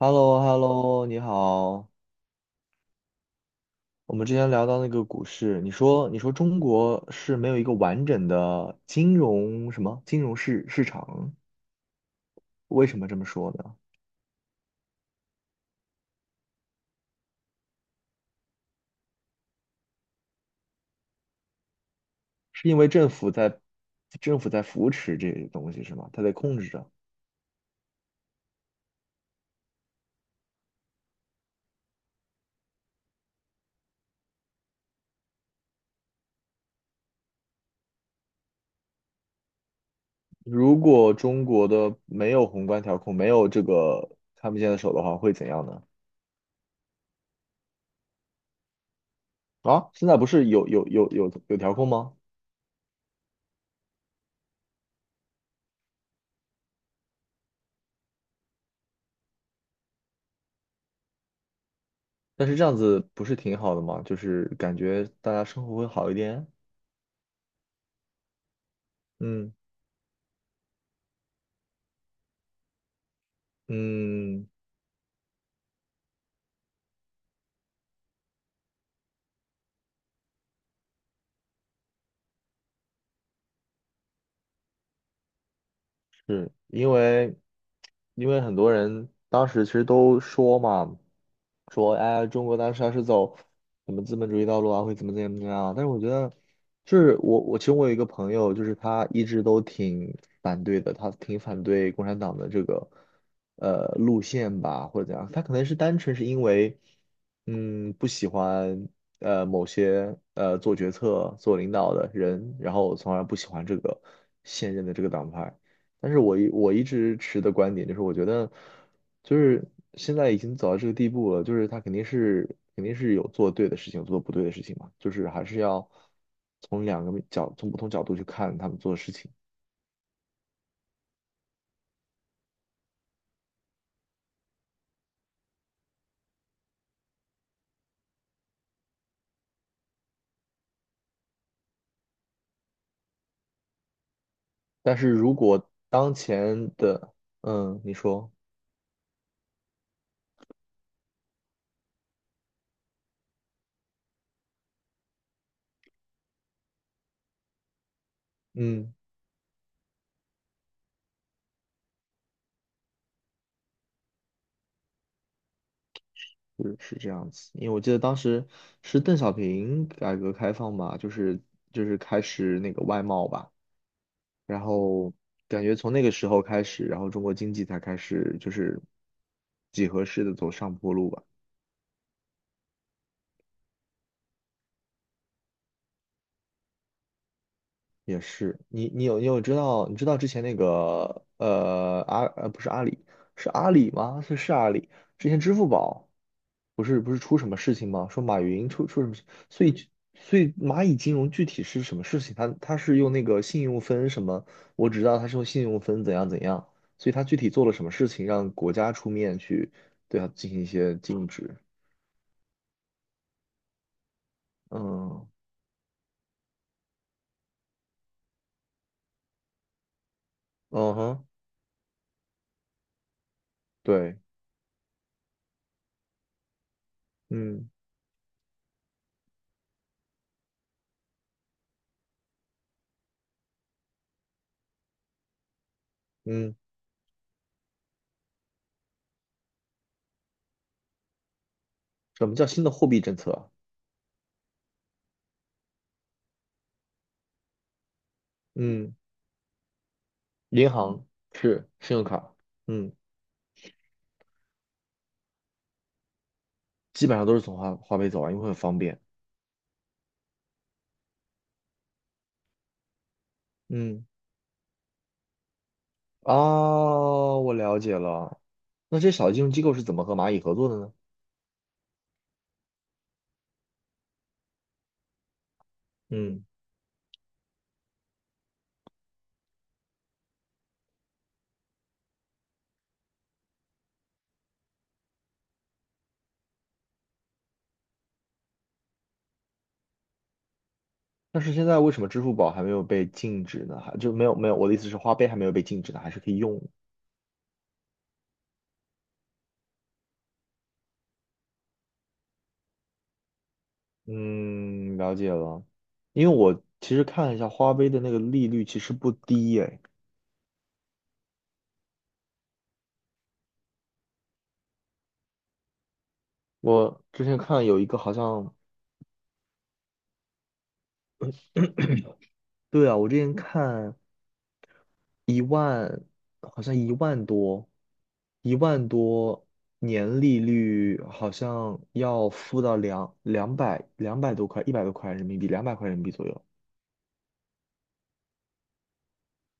h e l l o 你好。我们之前聊到那个股市，你说中国是没有一个完整的金融金融市场，为什么这么说呢？是因为政府在扶持这些东西是吗？它在控制着。如果中国的没有宏观调控，没有这个看不见的手的话，会怎样呢？啊，现在不是有调控吗？但是这样子不是挺好的吗？就是感觉大家生活会好一点。嗯。嗯，是因为，很多人当时其实都说嘛，说哎，中国当时要是走什么资本主义道路啊，会怎么样啊，但是我觉得，就是我其实我有一个朋友，就是他一直都挺反对的，他挺反对共产党的这个路线吧，或者怎样。他可能是单纯是因为，不喜欢某些做决策、做领导的人，然后从而不喜欢这个现任的这个党派。但是我一直持的观点就是，我觉得就是现在已经走到这个地步了，就是他肯定是有做对的事情，做不对的事情嘛，就是还是要从不同角度去看他们做的事情。但是如果当前的，你说，嗯，是是这样子，因为我记得当时是邓小平改革开放嘛，就是开始那个外贸吧。然后感觉从那个时候开始，然后中国经济才开始就是几何式的走上坡路吧。也是，你知道之前那个呃阿呃不是阿里是阿里吗？是阿里，之前支付宝不是不是出什么事情吗？说马云出什么事，所以所以蚂蚁金融具体是什么事情？它是用那个信用分什么？我只知道它是用信用分怎样怎样，所以它具体做了什么事情让国家出面去对它进行一些禁止？嗯嗯哼，对，嗯嗯，什么叫新的货币政策啊？嗯。银行是信用卡，嗯，基本上都是从花呗走啊，因为很方便。嗯，啊，我了解了。那这些小金融机构是怎么和蚂蚁合作的呢？嗯，但是现在为什么支付宝还没有被禁止呢？还就没有没有，我的意思是花呗还没有被禁止呢，还是可以用的。嗯，了解了。因为其实看了一下花呗的那个利率，其实不低诶。我之前看有一个好像，对啊，我之前看。一万，好像一万多，一万多年利率好像要付到200多块，100多块人民币，200块人民币左右，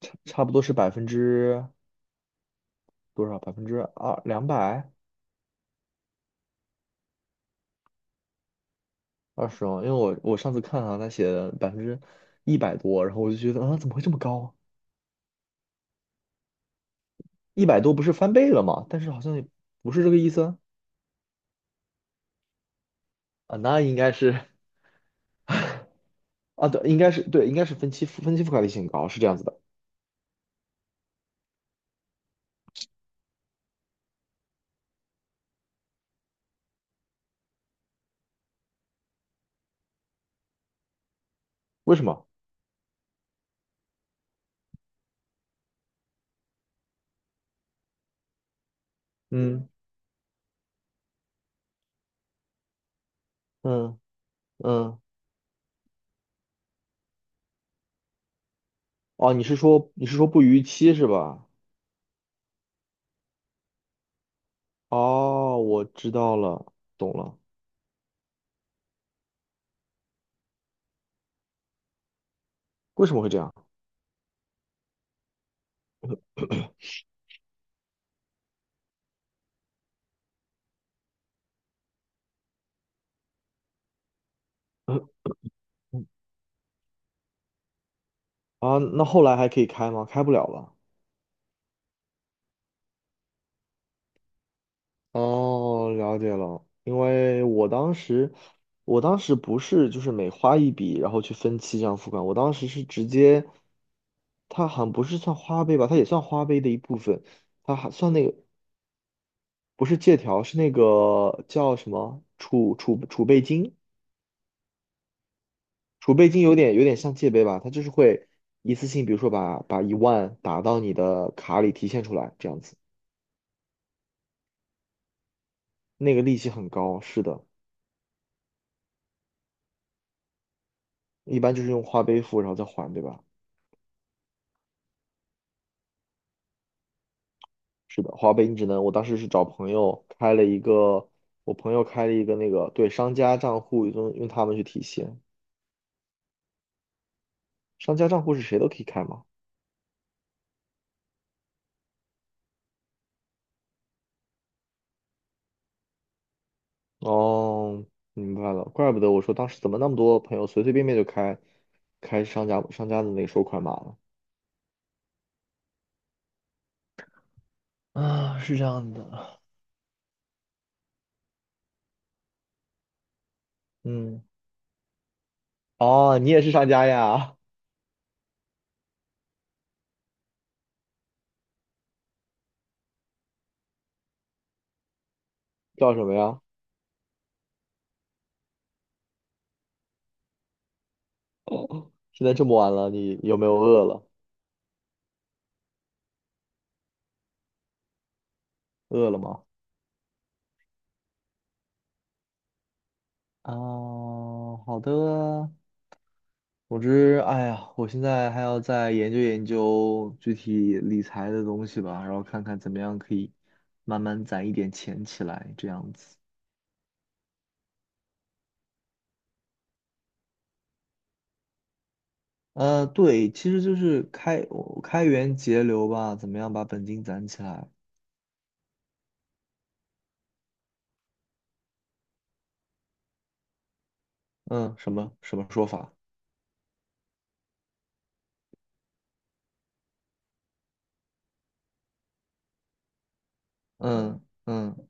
差不多是百分之多少？百分之二两百二十哦，因为我上次看啊，他写的100多%，然后我就觉得啊，怎么会这么高啊？一百多不是翻倍了吗？但是好像也不是这个意思啊，啊那应该是啊，对，应该是对，应该是分期付款利息很高，是这样子的，为什么？嗯。嗯嗯，哦，你是说不逾期是吧？哦，我知道了，懂了，为什么会这样？嗯啊，那后来还可以开吗？开不了了。哦，了解了，因为我当时不是就是每花一笔，然后去分期这样付款，我当时是直接，它好像不是算花呗吧，它也算花呗的一部分，它还算那个不是借条，是那个叫什么储备金，储备金，有点像借呗吧，它就是会一次性，比如说把一万打到你的卡里提现出来，这样子，那个利息很高，是的，一般就是用花呗付，然后再还，对吧？是的，花呗你只能，我当时是找朋友开了一个，我朋友开了一个那个，对，商家账户，用他们去提现，商家账户是谁都可以开吗？哦，明白了，怪不得我说当时怎么那么多朋友随随便便就开商家的那个收款码了，啊，是这样的。嗯。哦，你也是商家呀？叫什么呀？现在这么晚了，你有没有饿了？饿了吗？啊，好的。总之，哎呀，我现在还要再研究研究具体理财的东西吧，然后看看怎么样可以慢慢攒一点钱起来，这样子。对，其实就是我开源节流吧，怎么样把本金攒起来？嗯，什么什么说法？嗯嗯，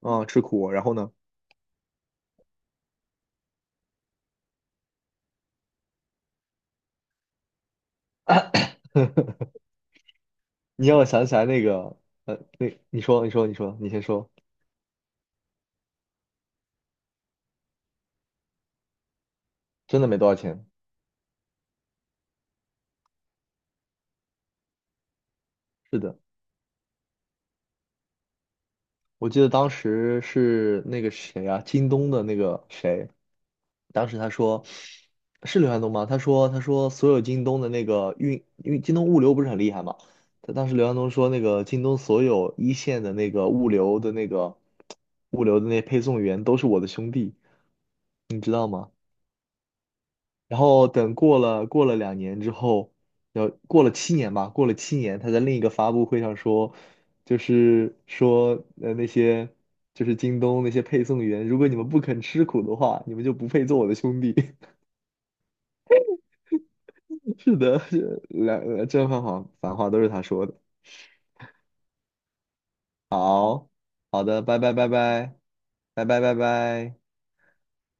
哦，吃苦，然后呢？你让我想起来那个，那你说，你说，你说，你先说，真的没多少钱。是的，我记得当时是那个谁啊，京东的那个谁，当时他说是刘寒东吗？他说所有京东的那个运，因为京东物流不是很厉害嘛，他当时刘寒东说那个京东所有一线的物流的那配送员都是我的兄弟，你知道吗？然后等过了2年之后，要过了七年吧，过了七年，他在另一个发布会上说，就是说那些就是京东那些配送员，如果你们不肯吃苦的话，你们就不配做我的兄弟。是的，是正反话都是他说的。好，好的，拜拜拜拜，拜拜拜拜。